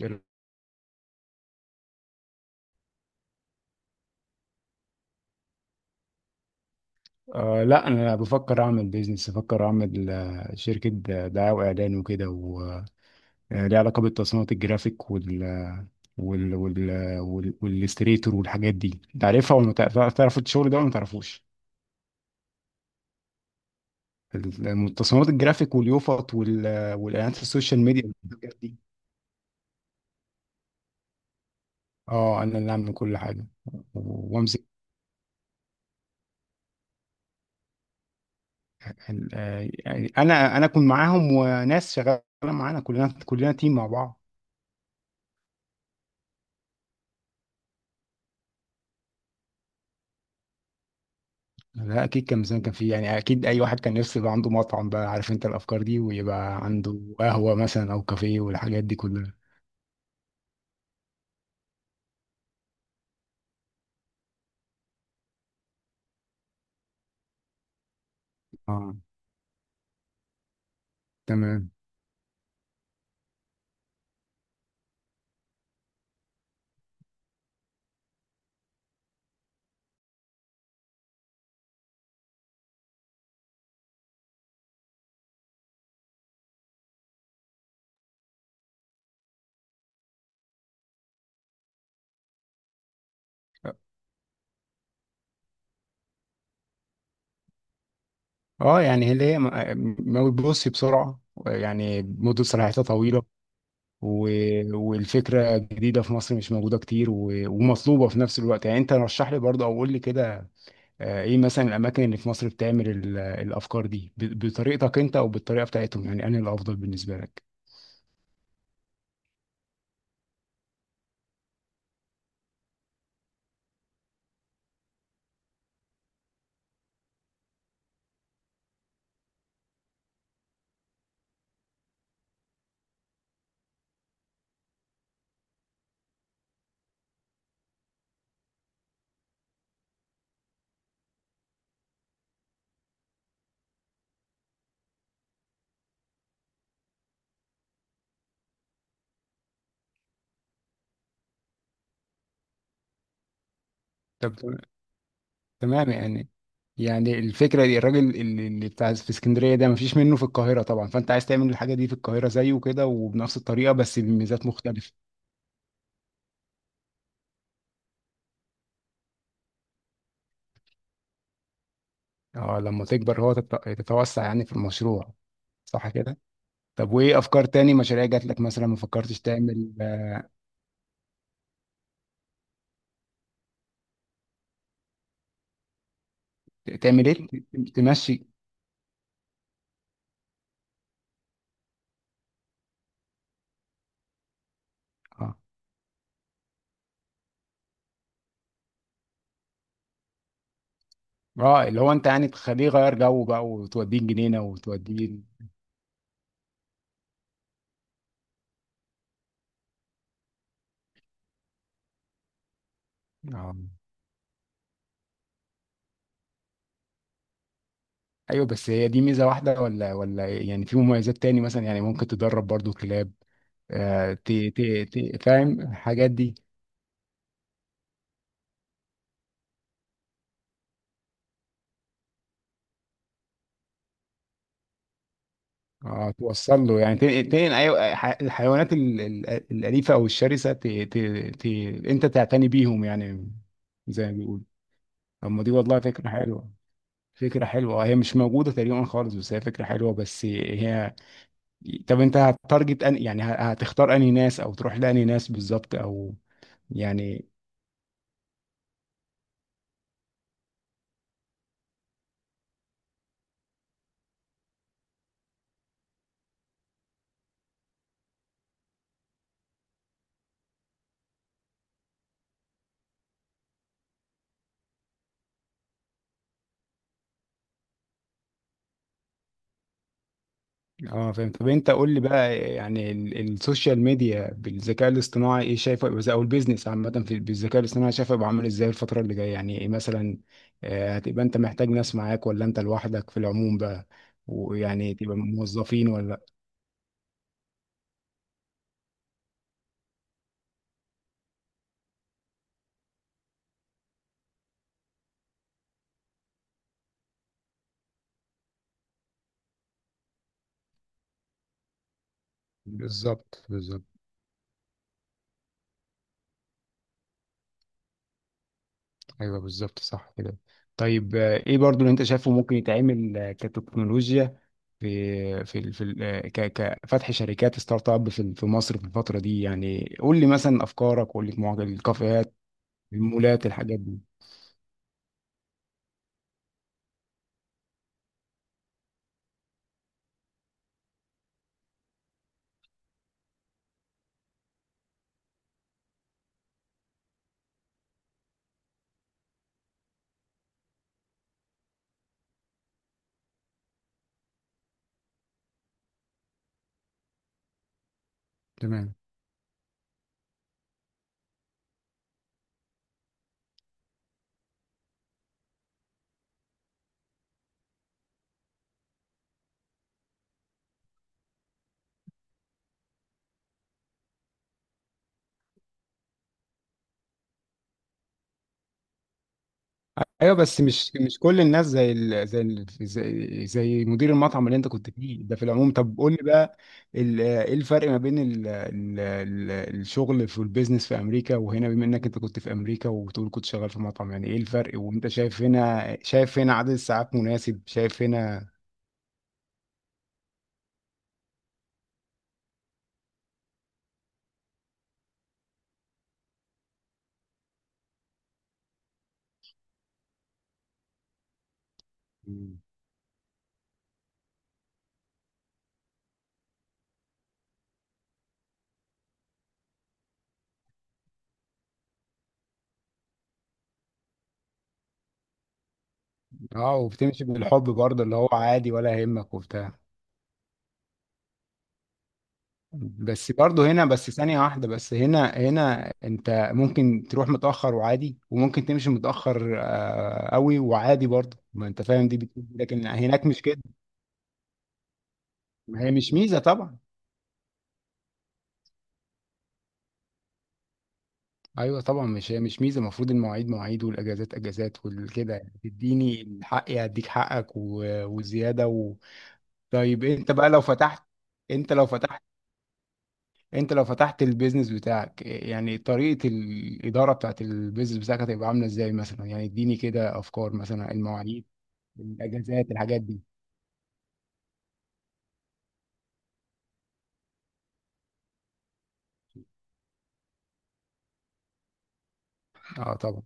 حلو. لا انا بفكر اعمل بيزنس بفكر اعمل شركه دعايه واعلان وكده وليه علاقه بالتصميمات الجرافيك وال وال والاستريتور والحاجات دي تعرفها ولا ما تعرف- تعرف الشغل ده ولا ما تعرفوش. التصميمات الجرافيك واليوفط والاعلانات في السوشيال ميديا والحاجات دي. اه، انا اللي اعمل كل حاجه وامسك يعني انا اكون معاهم وناس شغاله معانا، كلنا كلنا تيم مع بعض. لا اكيد، كان زمان كان في، يعني اكيد اي واحد كان نفسه يبقى عنده مطعم، بقى عارف انت الافكار دي، ويبقى عنده قهوه مثلا او كافيه والحاجات دي كلها. اه. تمام. اه يعني اللي هي ما بتبص بسرعه، يعني مده صلاحيتها طويله و... والفكره جديده في مصر مش موجوده كتير ومطلوبه في نفس الوقت. يعني انت رشح لي برضه او قول لي كده، ايه مثلا الاماكن اللي في مصر بتعمل الافكار دي بطريقتك انت او بالطريقه بتاعتهم، يعني انا الافضل بالنسبه لك. طب تمام، يعني يعني الفكره دي، الراجل اللي بتاع في اسكندريه ده مفيش منه في القاهره طبعا، فانت عايز تعمل الحاجه دي في القاهره زيه كده وبنفس الطريقه بس بميزات مختلفه. اه لما تكبر هو تتوسع يعني في المشروع. صح كده. طب وايه افكار تاني مشاريع جات لك مثلا ما فكرتش تعمل؟ تعمل ايه؟ تمشي؟ اه. اه اللي هو انت يعني تخليه يغير جو بقى وتوديه الجنينه وتوديه اه. ايوه بس هي دي ميزه واحده ولا يعني في مميزات تاني مثلا، يعني ممكن تدرب برضو كلاب، آه، تي تي تي فاهم الحاجات دي. اه توصل له، يعني تنقل تنقل الحيوانات الأليفة أو الشرسة، تي تي تي أنت تعتني بيهم يعني، زي ما بيقولوا. طب ما دي والله فكرة حلوة، فكرة حلوة، هي مش موجودة تقريبا خالص، بس هي فكرة حلوة بس هي. طب أنت هتارجت أن يعني هتختار أنهي ناس أو تروح لأنهي ناس بالظبط، أو يعني. اه فاهم. طب انت قول لي بقى، يعني السوشيال ميديا بالذكاء الاصطناعي ايه شايفه يبقى ازاي، او البيزنس عامه في بالذكاء الاصطناعي شايفه يبقى عامل ازاي الفتره اللي جايه، يعني ايه مثلا، هتبقى انت محتاج ناس معاك ولا انت لوحدك في العموم بقى، ويعني تبقى موظفين ولا؟ بالظبط بالظبط. ايوه بالظبط، صح كده. طيب ايه برضو اللي انت شايفه ممكن يتعمل كتكنولوجيا، في كفتح شركات ستارت اب في في مصر في الفتره دي، يعني قول لي مثلا افكارك، قول لي معجب الكافيهات، المولات، الحاجات دي. تمام. ايوه بس مش مش كل الناس زي زي مدير المطعم اللي انت كنت فيه ده في العموم. طب قول لي بقى، ايه الفرق ما بين الشغل في البيزنس في امريكا وهنا، بما انك انت كنت في امريكا وبتقول كنت شغال في مطعم، يعني ايه الفرق؟ وانت شايف هنا، شايف هنا عدد الساعات مناسب، شايف هنا. مم. اه، وبتمشي بالحب برضه اللي هو عادي ولا يهمك وبتاع. بس برضه هنا، بس ثانية واحدة، بس هنا هنا انت ممكن تروح متأخر وعادي وممكن تمشي متأخر قوي وعادي برضه، ما انت فاهم دي بتقول إيه، لكن هناك مش كده. ما هي مش ميزة طبعا. ايوه طبعا، مش هي مش ميزة، المفروض المواعيد مواعيد والاجازات اجازات والكده، يعني تديني الحق هديك حقك وزيادة و... طيب انت بقى لو فتحت، انت لو فتحت، انت لو فتحت البيزنس بتاعك، يعني طريقة الإدارة بتاعت البيزنس بتاعك هتبقى عاملة ازاي مثلا؟ يعني اديني كده أفكار، مثلا المواعيد، الأجازات، الحاجات دي. اه طبعا.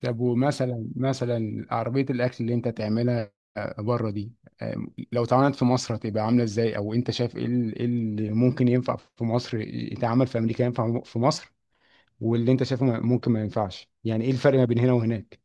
طب ومثلا مثلا عربية الأكل اللي انت تعملها بره دي، آم، لو اتعملت في مصر هتبقى عاملة ازاي، أو انت شايف ايه ايه اللي ممكن ينفع في مصر يتعمل في أمريكا ينفع في مصر، واللي انت شايفه ممكن ما ينفعش، يعني ايه الفرق ما بين هنا وهناك؟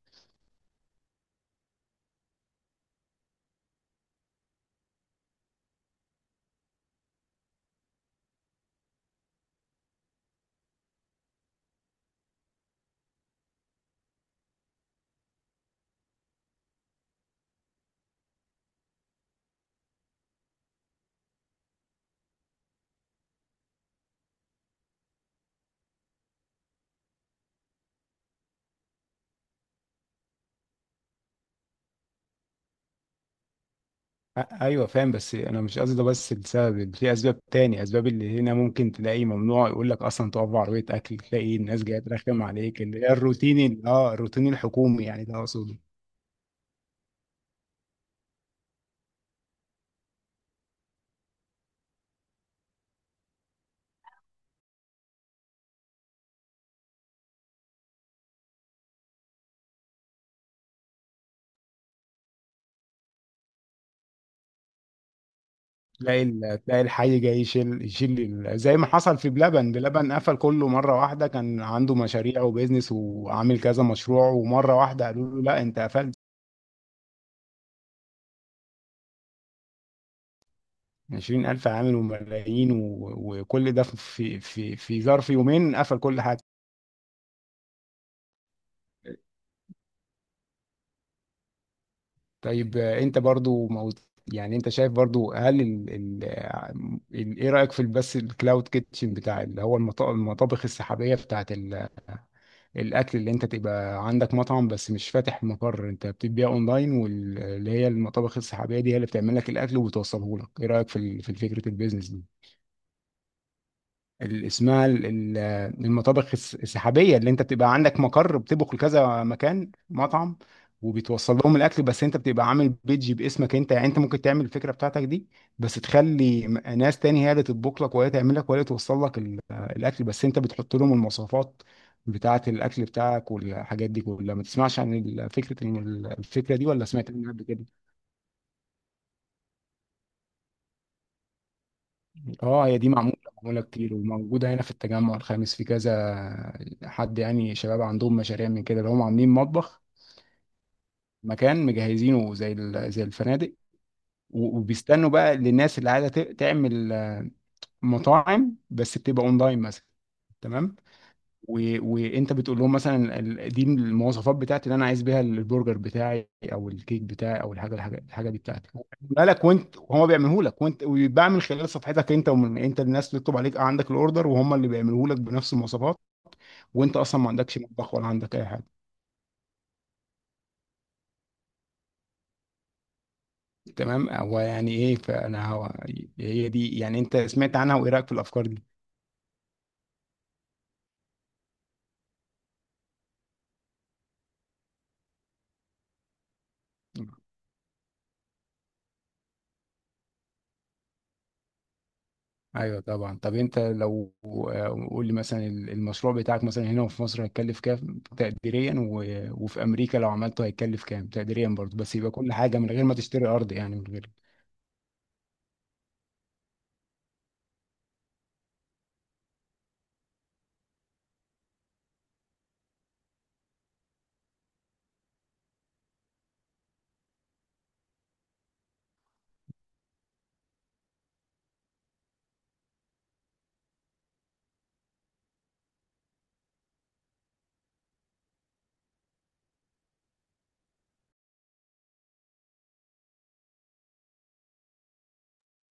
ايوه فاهم، بس انا مش قصدي ده، بس لسبب في اسباب تاني، اسباب اللي هنا ممكن تلاقي ممنوع يقول لك اصلا تقف بعربيه اكل، تلاقي الناس جايه ترخم عليك، اللي هي الروتين الروتين الحكومي، يعني ده اقصده. تلاقي تلاقي الحي جاي يشيل زي ما حصل في بلبن، بلبن قفل كله مره واحده، كان عنده مشاريع وبيزنس وعامل كذا مشروع ومره واحده قالوا له لا انت قفلت. 20,000 عامل وملايين وكل ده في ظرف يومين قفل كل حاجه. طيب انت برضو موت، يعني انت شايف برضو هل ايه رأيك في بس الكلاود كيتشن بتاع، اللي هو المطابخ السحابية بتاعت الاكل، اللي انت تبقى عندك مطعم بس مش فاتح مقر، انت بتبيع اونلاين، واللي هي المطابخ السحابية دي هي اللي بتعمل لك الاكل وبتوصله لك، ايه رأيك في في فكرة البيزنس دي؟ ال- اسمها ال- ال- المطابخ السحابيه اللي انت بتبقى عندك مقر بتطبخ لكذا مكان مطعم وبتوصل لهم الاكل، بس انت بتبقى عامل بيدج باسمك انت، يعني انت ممكن تعمل الفكره بتاعتك دي، بس تخلي ناس تاني هي اللي تطبخ لك وهي تعمل لك وهي اللي توصل لك الاكل، بس انت بتحط لهم المواصفات بتاعه الاكل بتاعك والحاجات دي كلها. ما تسمعش عن الفكره دي ولا سمعت عنها قبل كده؟ اه، هي دي معمولة كتير وموجودة هنا في التجمع الخامس في كذا حد، يعني شباب عندهم مشاريع من كده اللي هم عاملين مطبخ، مكان مجهزينه زي الفنادق وبيستنوا بقى للناس اللي عايزة تعمل مطاعم بس بتبقى اونلاين مثلا. تمام و... وانت بتقول لهم مثلا دي المواصفات بتاعتي اللي انا عايز بيها البرجر بتاعي او الكيك بتاعي او الحاجة دي بتاعتي، هو بيعملها لك، وانت هما بيعمله لك، وانت ويتباع من خلال صفحتك انت، ومن انت الناس تطلب عليك، عندك الاوردر وهم اللي بيعمله لك بنفس المواصفات، وانت اصلا ما عندكش مطبخ ولا عندك اي حاجه. تمام. هو يعني ايه، فانا هو، هي دي يعني انت سمعت عنها وايه رايك في الافكار دي؟ ايوه طبعا. طب انت لو قول لي مثلا المشروع بتاعك مثلا هنا في مصر هيتكلف كام تقديريا وفي امريكا لو عملته هيتكلف كام تقديريا برضه، بس يبقى كل حاجه من غير ما تشتري ارض، يعني من غير.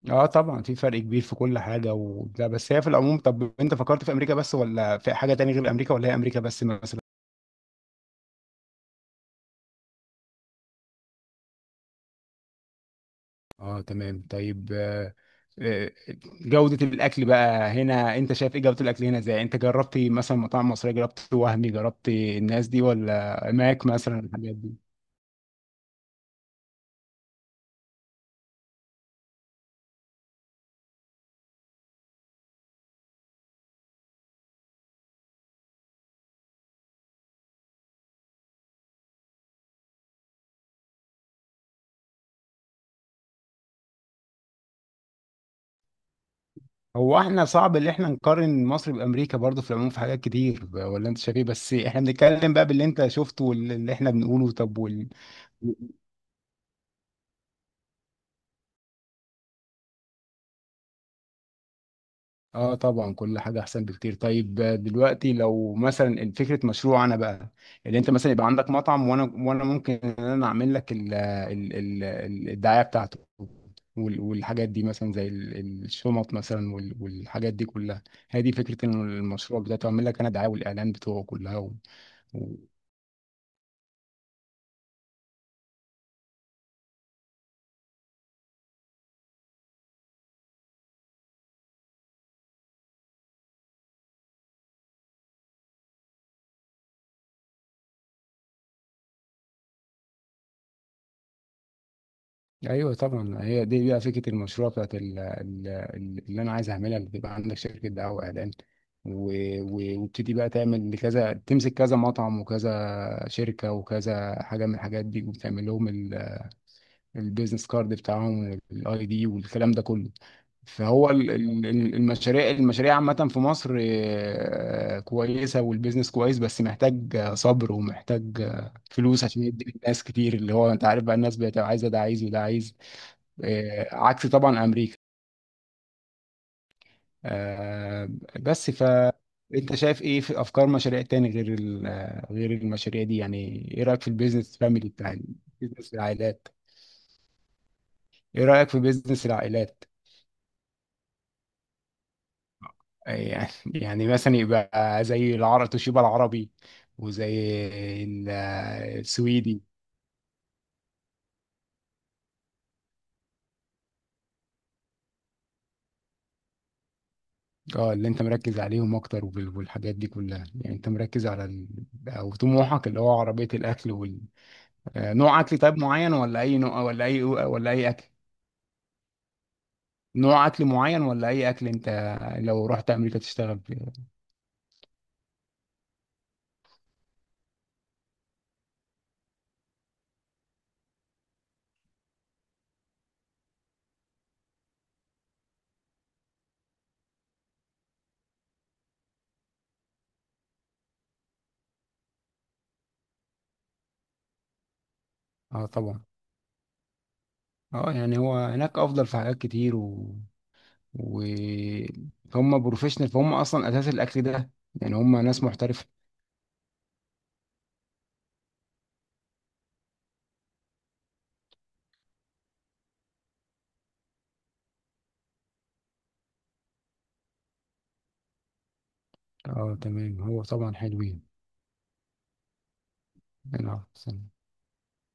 اه طبعا في فرق كبير في كل حاجه وده، بس هي في العموم. طب انت فكرت في امريكا بس، ولا في حاجه تانية غير امريكا، ولا هي امريكا بس مثلا؟ اه تمام. طيب آه، جودة الأكل بقى هنا، أنت شايف إيه جودة الأكل هنا إزاي؟ أنت جربت مثلا مطاعم مصرية، جربت وهمي، جربت الناس دي ولا ماك مثلا الحاجات دي؟ هو إحنا صعب إن إحنا نقارن مصر بأمريكا برضه في العموم، في حاجات كتير، ولا أنت شايف إيه؟ بس إحنا بنتكلم بقى باللي أنت شفته واللي إحنا بنقوله. طب وال... اه طبعا كل حاجة احسن بكتير. طيب دلوقتي لو مثلا فكرة مشروع انا بقى، اللي انت مثلا يبقى عندك مطعم، وانا ممكن ان انا اعمل لك ال ال ال الدعاية بتاعته والحاجات دي مثلا الشنط مثلا والحاجات دي كلها. هي دي فكرة ان المشروع بتاعته، اعمل لك انا دعاية والاعلان بتوعه كلها. ايوه طبعا. هي دي بقى فكره المشروع بتاعت اللي انا عايز اعملها، اللي تبقى عندك شركه دعايه واعلان وابتدي بقى تعمل كذا، تمسك كذا مطعم وكذا شركه وكذا حاجه من الحاجات دي، وتعمل لهم البيزنس كارد بتاعهم والاي دي والكلام ده كله. فهو المشاريع عامه في مصر كويسه والبيزنس كويس، بس محتاج صبر ومحتاج فلوس، عشان يدي الناس كتير اللي هو انت عارف بقى، الناس بقت عايزه ده عايز وده عايز، عكس طبعا امريكا. آه، بس ف انت شايف ايه في افكار مشاريع تاني غير غير المشاريع دي يعني؟ ايه رايك في البيزنس فاميلي بتاع، بيزنس العائلات، ايه رايك في بيزنس العائلات؟ يعني يعني مثلا يبقى زي العرب توشيبا العربي وزي السويدي. اه اللي انت مركز عليهم اكتر والحاجات دي كلها، يعني انت مركز على ال... او طموحك اللي هو عربية الاكل وال... نوع اكل طيب معين ولا اي نوع ولا اي اكل؟ نوع اكل معين ولا اي اكل انت لو رحت امريكا تشتغل فيه؟ اه طبعا. اه يعني هو هناك افضل في حاجات كتير و... و... هم بروفيشنال، فهم اصلا اساس الاكل ده، يعني هم ناس محترفه. اه تمام، هو طبعا حلوين. انا أحسن.